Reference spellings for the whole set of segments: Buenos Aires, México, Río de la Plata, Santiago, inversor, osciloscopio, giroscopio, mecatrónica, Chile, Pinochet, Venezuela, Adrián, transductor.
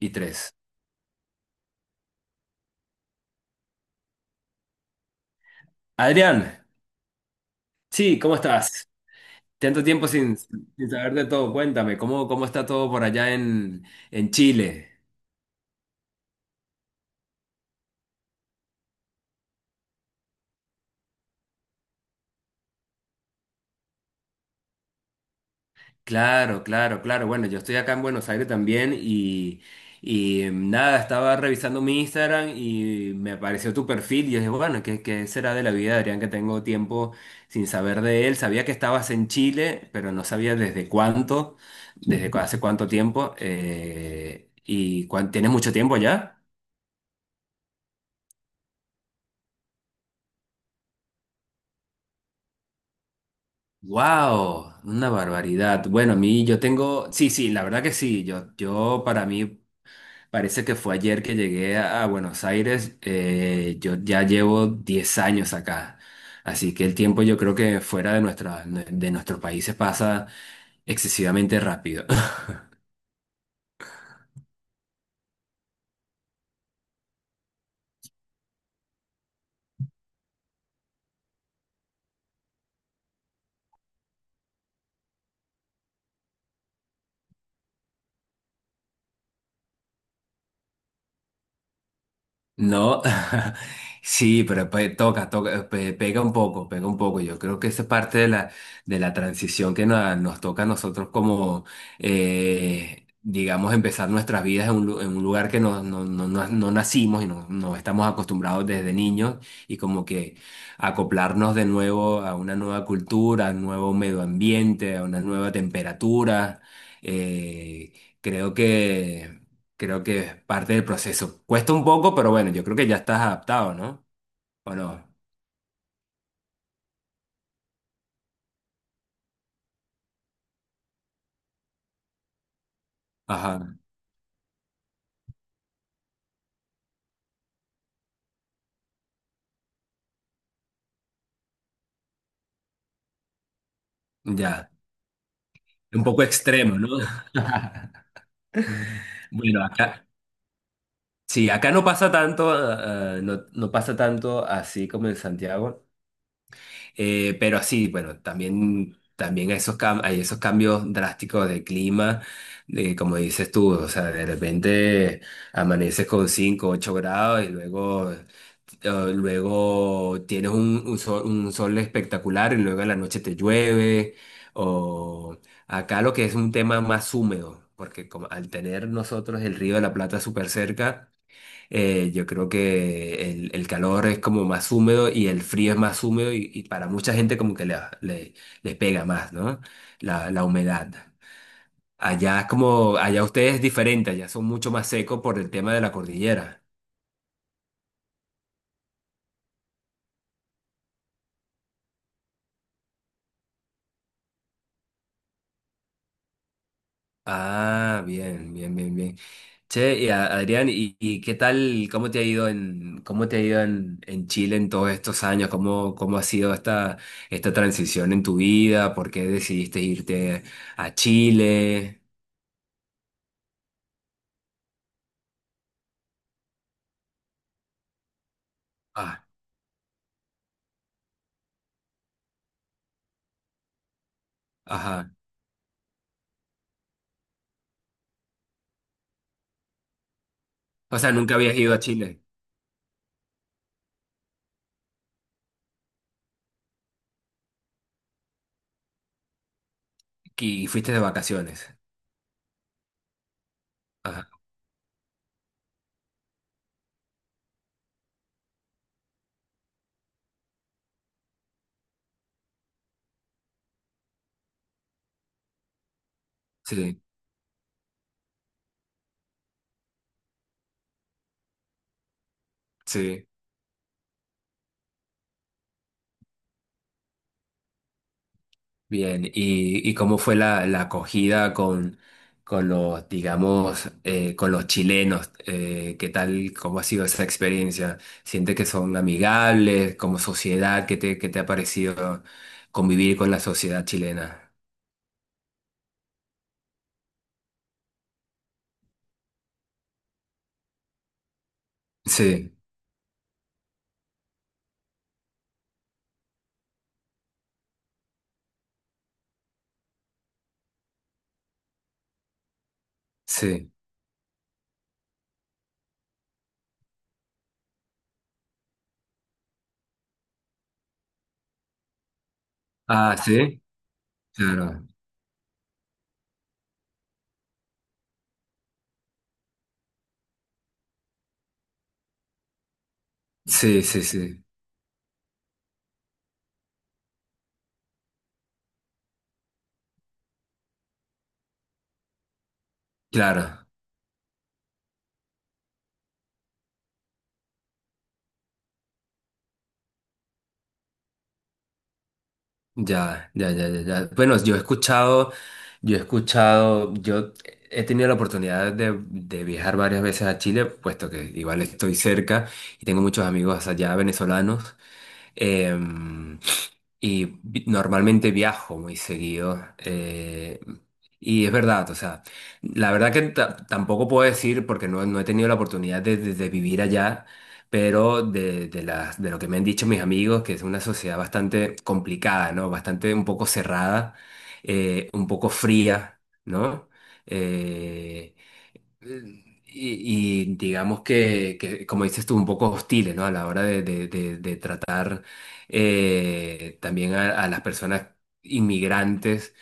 Y tres. Adrián, sí, ¿cómo estás? Tanto tiempo sin saber de todo. Cuéntame, ¿cómo está todo por allá en Chile? Claro, claro, claro. Bueno, yo estoy acá en Buenos Aires también y nada, estaba revisando mi Instagram y me apareció tu perfil y yo dije, bueno, ¿qué será de la vida de Adrián que tengo tiempo sin saber de él? Sabía que estabas en Chile, pero no sabía desde cuánto, desde cu- hace cuánto tiempo. ¿Tienes mucho tiempo ya? Wow, una barbaridad. Bueno, a mí yo tengo, sí, sí, la verdad que sí. Yo para mí parece que fue ayer que llegué a Buenos Aires. Yo ya llevo 10 años acá, así que el tiempo yo creo que fuera de nuestros países pasa excesivamente rápido. No, sí, pero pega un poco, pega un poco. Yo creo que esa es parte de la transición que nos toca a nosotros como, digamos, empezar nuestras vidas en un lugar que no nacimos y no estamos acostumbrados desde niños y como que acoplarnos de nuevo a una nueva cultura, a un nuevo medio ambiente, a una nueva temperatura. Eh, creo que... Creo que es parte del proceso. Cuesta un poco, pero bueno, yo creo que ya estás adaptado, ¿no? ¿O no? Ajá, ya. Un poco extremo, ¿no? Bueno, acá, sí, acá no pasa tanto, no pasa tanto así como en Santiago. Pero sí, bueno, también esos hay esos cambios drásticos de clima, de, como dices tú, o sea, de repente amaneces con 5, 8 grados y luego luego tienes un sol espectacular y luego en la noche te llueve. O acá lo que es un tema más húmedo, porque como al tener nosotros el Río de la Plata súper cerca, yo creo que el calor es como más húmedo y el frío es más húmedo y para mucha gente como que le pega más, ¿no? La humedad. Allá es como, allá ustedes es diferente, allá son mucho más secos por el tema de la cordillera. Ah, bien, bien, bien, bien. Che, y Adrián, ¿y qué tal, cómo te ha ido en Chile en todos estos años? ¿Cómo ha sido esta transición en tu vida? ¿Por qué decidiste irte a Chile? Ah, ajá. O sea, nunca habías ido a Chile y fuiste de vacaciones. Ajá. Sí, sí. Bien, ¿y cómo fue la acogida con los, digamos, con los chilenos? ¿Qué tal, cómo ha sido esa experiencia? ¿Sientes que son amigables como sociedad? ¿Qué te ha parecido convivir con la sociedad chilena? Sí, sí. Ah, sí, claro. Sí, sí, sí, claro. Ya, ya, ya, ya, ya. Bueno, yo he tenido la oportunidad de viajar varias veces a Chile, puesto que igual estoy cerca y tengo muchos amigos allá venezolanos. Em, y normalmente viajo muy seguido. Y es verdad, o sea, la verdad que tampoco puedo decir, porque no he tenido la oportunidad de vivir allá, pero de lo que me han dicho mis amigos, que es una sociedad bastante complicada, ¿no? Bastante un poco cerrada, un poco fría, ¿no? Eh, y digamos que, como dices tú, un poco hostiles, ¿no? A la hora de tratar también a las personas inmigrantes.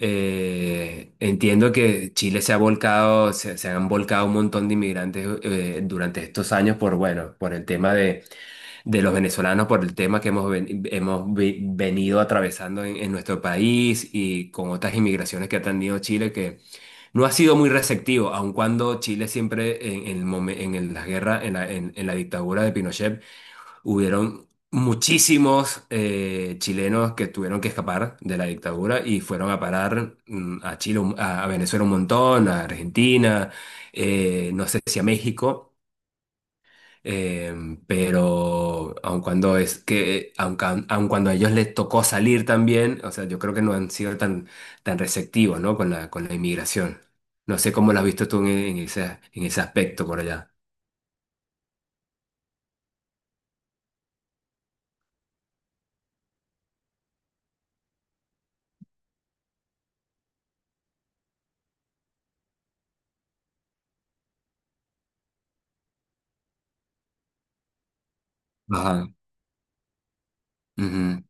Entiendo que Chile se han volcado un montón de inmigrantes durante estos años por, bueno, por el tema de, los venezolanos, por el tema que hemos venido atravesando en nuestro país y con otras inmigraciones que ha tenido Chile no ha sido muy receptivo, aun cuando Chile siempre en la guerra, en la dictadura de Pinochet, hubieron muchísimos chilenos que tuvieron que escapar de la dictadura y fueron a parar a Chile, a Venezuela un montón, a Argentina, no sé si a México. Eh, pero aun cuando es que, aun, ca- aun cuando a ellos les tocó salir también, o sea, yo creo que no han sido tan receptivos, ¿no? Con la inmigración. No sé cómo lo has visto tú en ese aspecto por allá. Ajá. Ujú.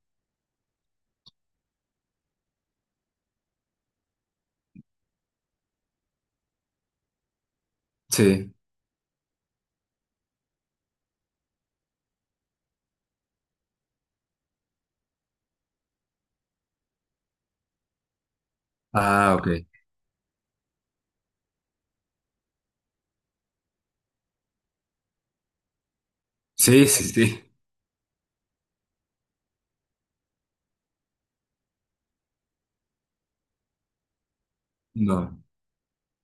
Sí. Ah, ok. Sí, sí, sí. No.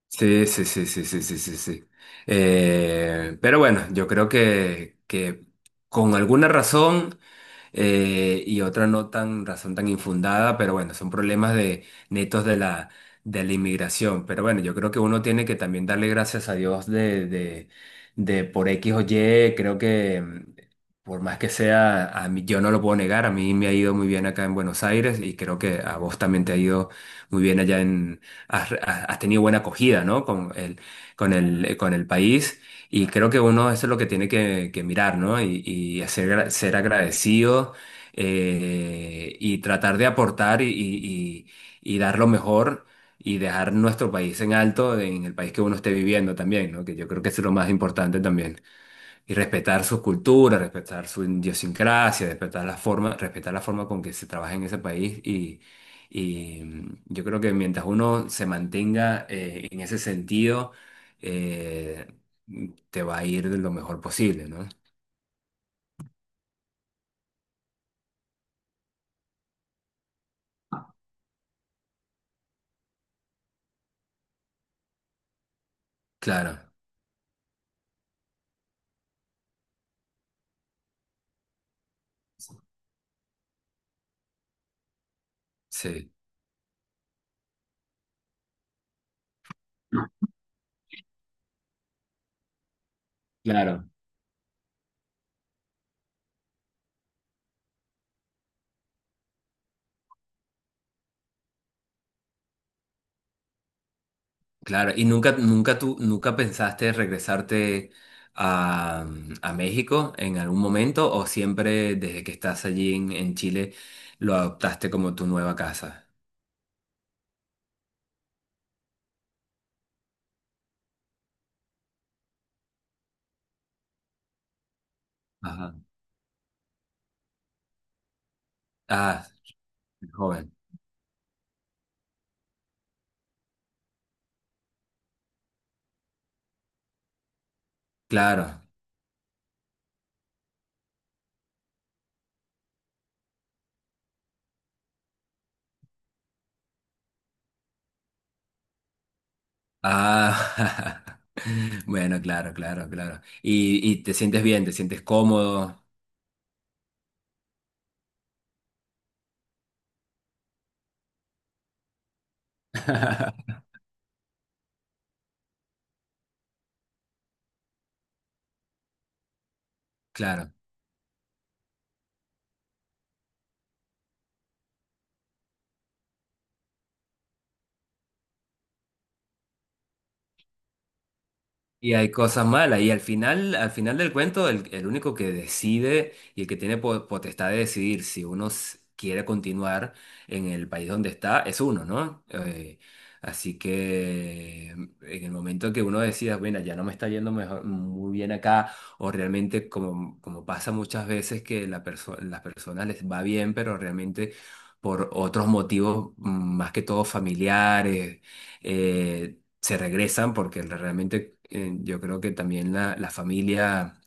Sí, sí, sí, sí, sí, sí, sí, sí. Pero bueno, yo creo que con alguna razón y otra no tan razón tan infundada, pero bueno, son problemas de netos de la inmigración. Pero bueno, yo creo que uno tiene que también darle gracias a Dios de por X o Y. Creo que por más que sea, a mí, yo no lo puedo negar, a mí me ha ido muy bien acá en Buenos Aires y creo que a vos también te ha ido muy bien allá has tenido buena acogida, ¿no? Con el país. Y creo que uno eso es lo que tiene que mirar, ¿no? Y hacer, ser agradecido y, tratar de aportar y dar lo mejor y dejar nuestro país en alto en el país que uno esté viviendo también, ¿no? Que yo creo que eso es lo más importante también. Y respetar su cultura, respetar su idiosincrasia, respetar la forma con que se trabaja en ese país. Yo creo que mientras uno se mantenga en ese sentido, eh, te va a ir de lo mejor posible, ¿no? Claro, sí. Claro. Claro. ¿Y nunca pensaste regresarte a México en algún momento o siempre desde que estás allí en Chile lo adoptaste como tu nueva casa? Ah, joven, claro. Ah, bueno, claro, claro, claro. Y te sientes bien, te sientes cómodo. Claro. Y hay cosas malas. Y al final del cuento, el único que decide y el que tiene potestad de decidir si uno quiere continuar en el país donde está, es uno, ¿no? Así que en el momento que uno decida, bueno, ya no me está yendo mejor, muy bien acá, o realmente como pasa muchas veces que las personas les va bien, pero realmente por otros motivos, más que todo familiares eh, se regresan porque realmente yo creo que también la familia,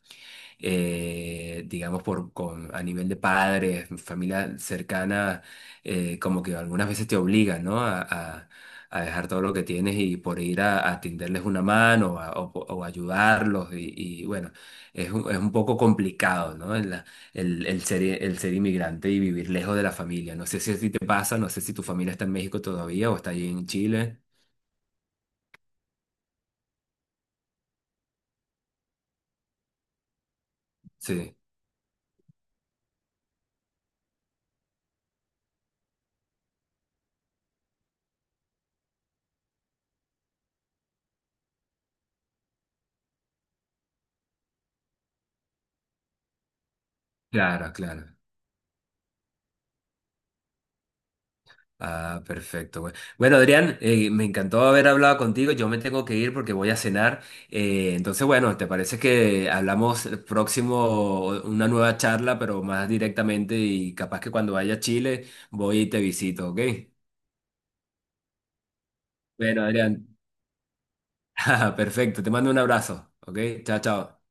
digamos, a nivel de padres, familia cercana, como que algunas veces te obligan, ¿no? A- a dejar todo lo que tienes y por ir a tenderles una mano o ayudarlos. Y bueno, es un poco complicado, ¿no? El, la- el ser inmigrante y vivir lejos de la familia. No sé si a ti te pasa, no sé si tu familia está en México todavía o está allí en Chile. Sí. Claro, claro. Ah, perfecto. Güey. Bueno, Adrián, me encantó haber hablado contigo. Yo me tengo que ir porque voy a cenar. Entonces, bueno, ¿te parece que hablamos el próximo, una nueva charla, pero más directamente y capaz que cuando vaya a Chile voy y te visito, ¿ok? Bueno, Adrián, perfecto. Te mando un abrazo, ¿ok? Chao, chao.